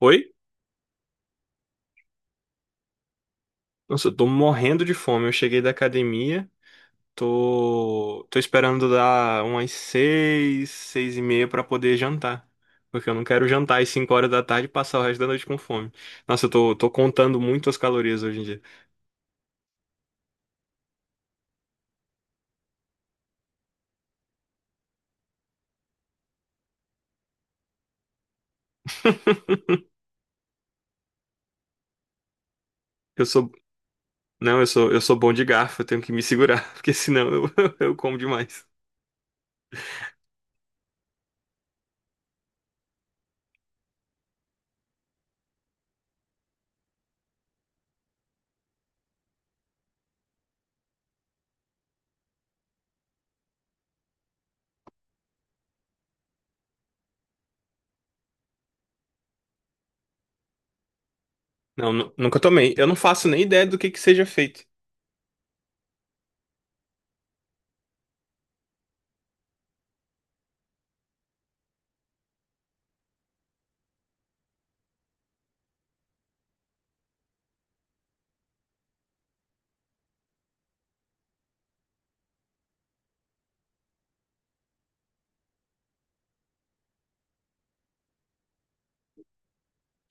Oi? Nossa, eu tô morrendo de fome. Eu cheguei da academia, tô esperando dar umas 6, 6h30 pra poder jantar. Porque eu não quero jantar às 5 horas da tarde e passar o resto da noite com fome. Nossa, eu tô contando muito as calorias hoje em dia. Eu sou, não, eu sou bom de garfo, eu tenho que me segurar, porque senão eu, eu como demais. Não, nunca tomei. Eu não faço nem ideia do que seja feito.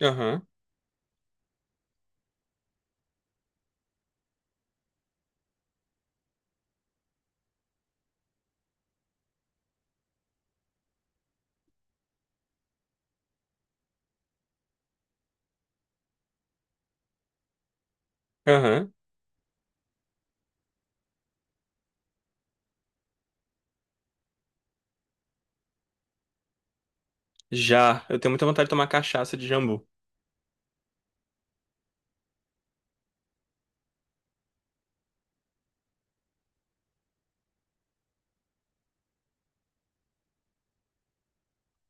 Aham, aham. Já, eu tenho muita vontade de tomar cachaça de jambu.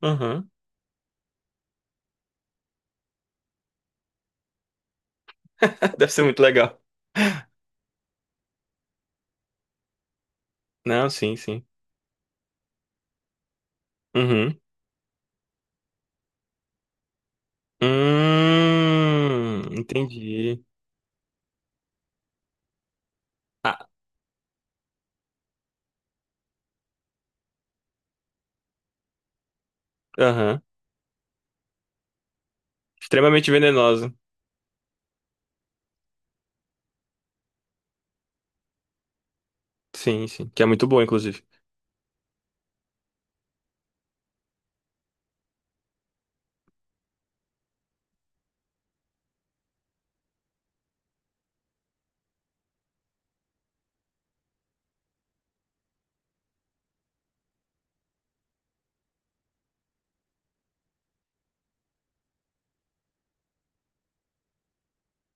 Aham. Deve ser muito legal. Não, sim, sim. Uhum. Entendi. Ah, aham. Extremamente venenosa. Sim, sim. Que é muito boa, inclusive.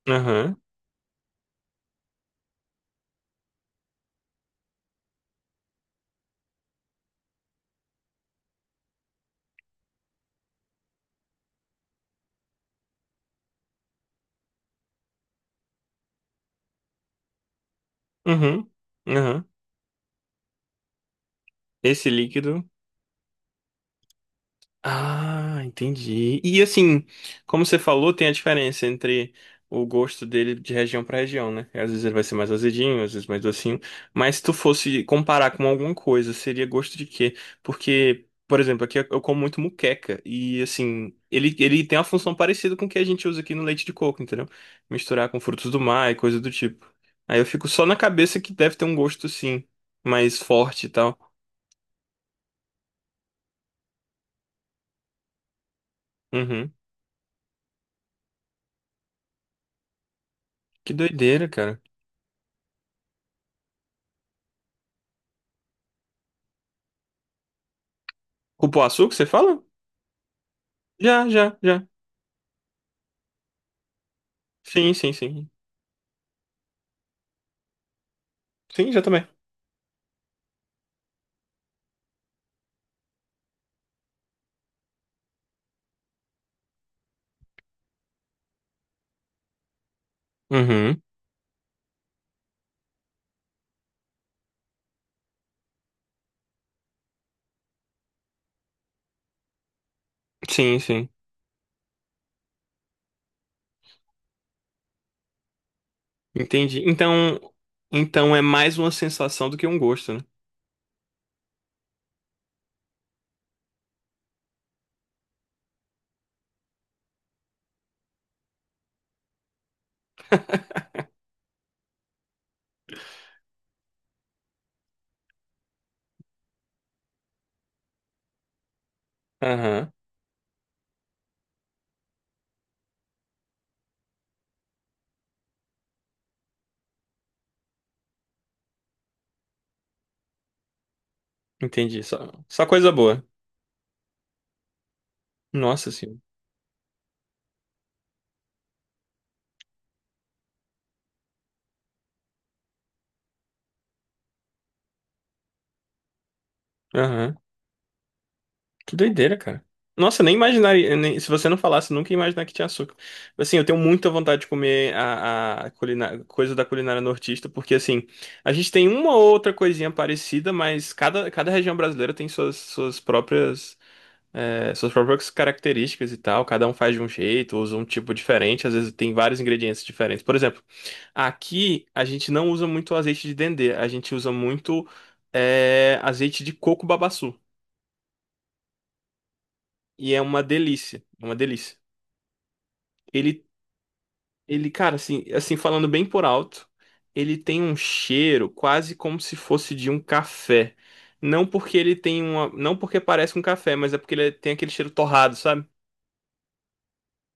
Aham. Uhum. Aham. Esse líquido. Ah, entendi. E assim, como você falou, tem a diferença entre o gosto dele de região para região, né? Às vezes ele vai ser mais azedinho, às vezes mais docinho. Mas se tu fosse comparar com alguma coisa, seria gosto de quê? Porque, por exemplo, aqui eu como muito muqueca e assim, ele tem uma função parecida com o que a gente usa aqui no leite de coco, entendeu? Misturar com frutos do mar e coisa do tipo. Aí eu fico só na cabeça que deve ter um gosto sim, mais forte e tal. Uhum. Que doideira, cara. Cupuaçu que você fala? Já, já, já. Sim, sim, sim. Sim, já também. Uhum. Sim, sim. Entendi. Então, então é mais uma sensação do que um gosto, né? Aham. Entendi. Só, só coisa boa. Nossa senhora. Aham. Que doideira, cara. Nossa, nem imaginaria. Se você não falasse, nunca ia imaginar que tinha açúcar. Assim, eu tenho muita vontade de comer a coisa da culinária nortista, porque assim, a gente tem uma ou outra coisinha parecida, mas cada região brasileira tem suas, próprias. É, suas próprias características e tal. Cada um faz de um jeito, usa um tipo diferente. Às vezes tem vários ingredientes diferentes. Por exemplo, aqui a gente não usa muito azeite de dendê. A gente usa muito é, azeite de coco babaçu. E é uma delícia. É uma delícia. Ele, ele, cara, assim, assim, falando bem por alto, ele tem um cheiro quase como se fosse de um café. Não porque ele tem uma, não porque parece um café, mas é porque ele é, tem aquele cheiro torrado, sabe?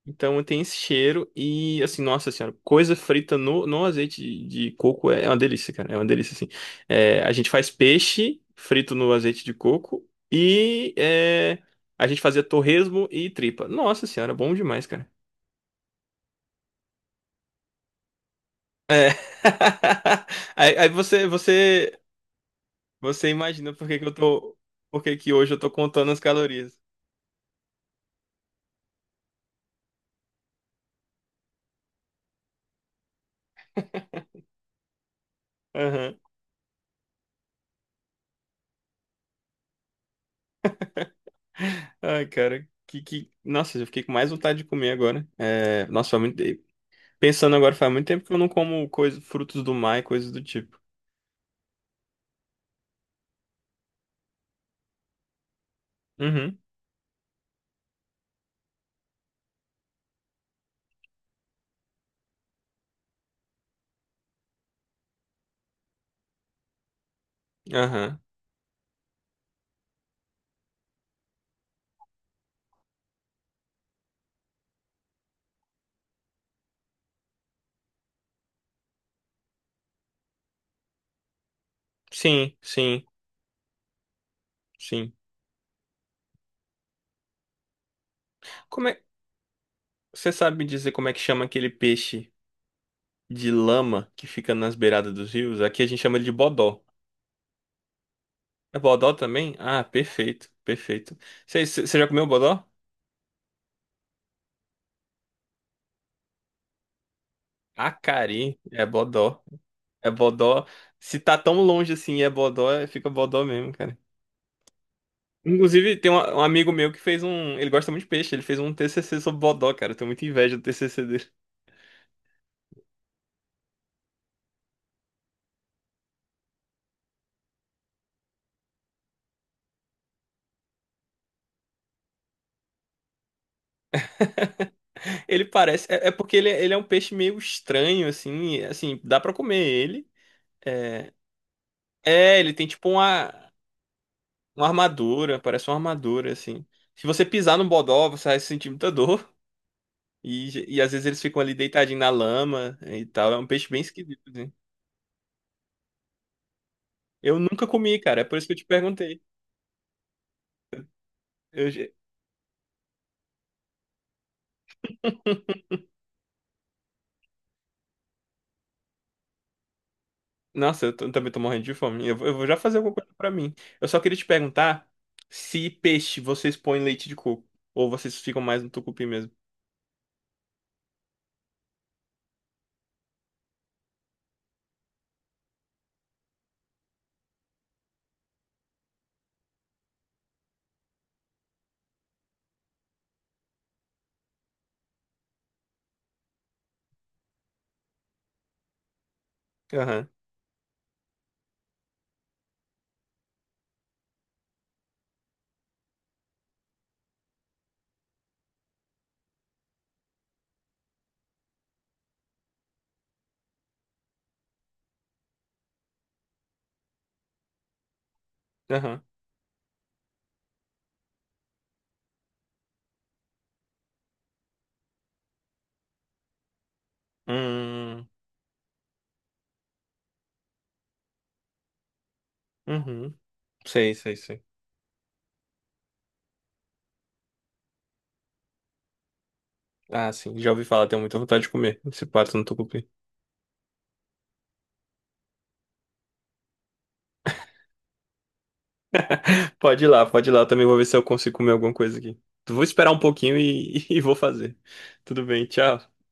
Então tem esse cheiro e assim, nossa senhora, coisa frita no azeite de coco é uma delícia, cara. É uma delícia, assim. É, a gente faz peixe frito no azeite de coco e é, a gente fazia torresmo e tripa. Nossa senhora, bom demais, cara. É. Aí você, você imagina por que que eu tô, por que que hoje eu tô contando as calorias. Aham. Ai, cara, Nossa, eu fiquei com mais vontade de comer agora. É. Nossa, foi muito... Pensando agora, faz muito tempo que eu não como coisa, frutos do mar e coisas do tipo. Uhum, aham. Sim, sim, sim. Como é, você sabe me dizer como é que chama aquele peixe de lama que fica nas beiradas dos rios? Aqui a gente chama ele de bodó. É bodó também? Ah, perfeito, perfeito. Você já comeu bodó? Acari, é bodó. É bodó. Se tá tão longe assim e é bodó, fica bodó mesmo, cara. Inclusive, tem um amigo meu que fez um. Ele gosta muito de peixe, ele fez um TCC sobre bodó, cara. Eu tenho muita inveja do TCC. Ele parece. É, é porque ele é um peixe meio estranho, assim. Assim, dá pra comer ele. É, é ele tem tipo uma armadura, parece uma armadura, assim. Se você pisar no bodó, você vai sentir muita dor. E às vezes eles ficam ali deitadinhos na lama e tal. É um peixe bem esquisito, assim. Eu nunca comi, cara. É por isso que eu te perguntei. Eu já- Nossa, também tô morrendo de fome. Eu vou já fazer alguma coisa pra mim. Eu só queria te perguntar se peixe vocês põem leite de coco. Ou vocês ficam mais no tucupi mesmo. Aham. Aham. Hum, uhum. Sei, sei, sei. Ah, sim, já ouvi falar, tenho muita vontade de comer esse pato no tucupi. Pode ir lá, eu também vou ver se eu consigo comer alguma coisa aqui. Vou esperar um pouquinho e, e vou fazer. Tudo bem, tchau.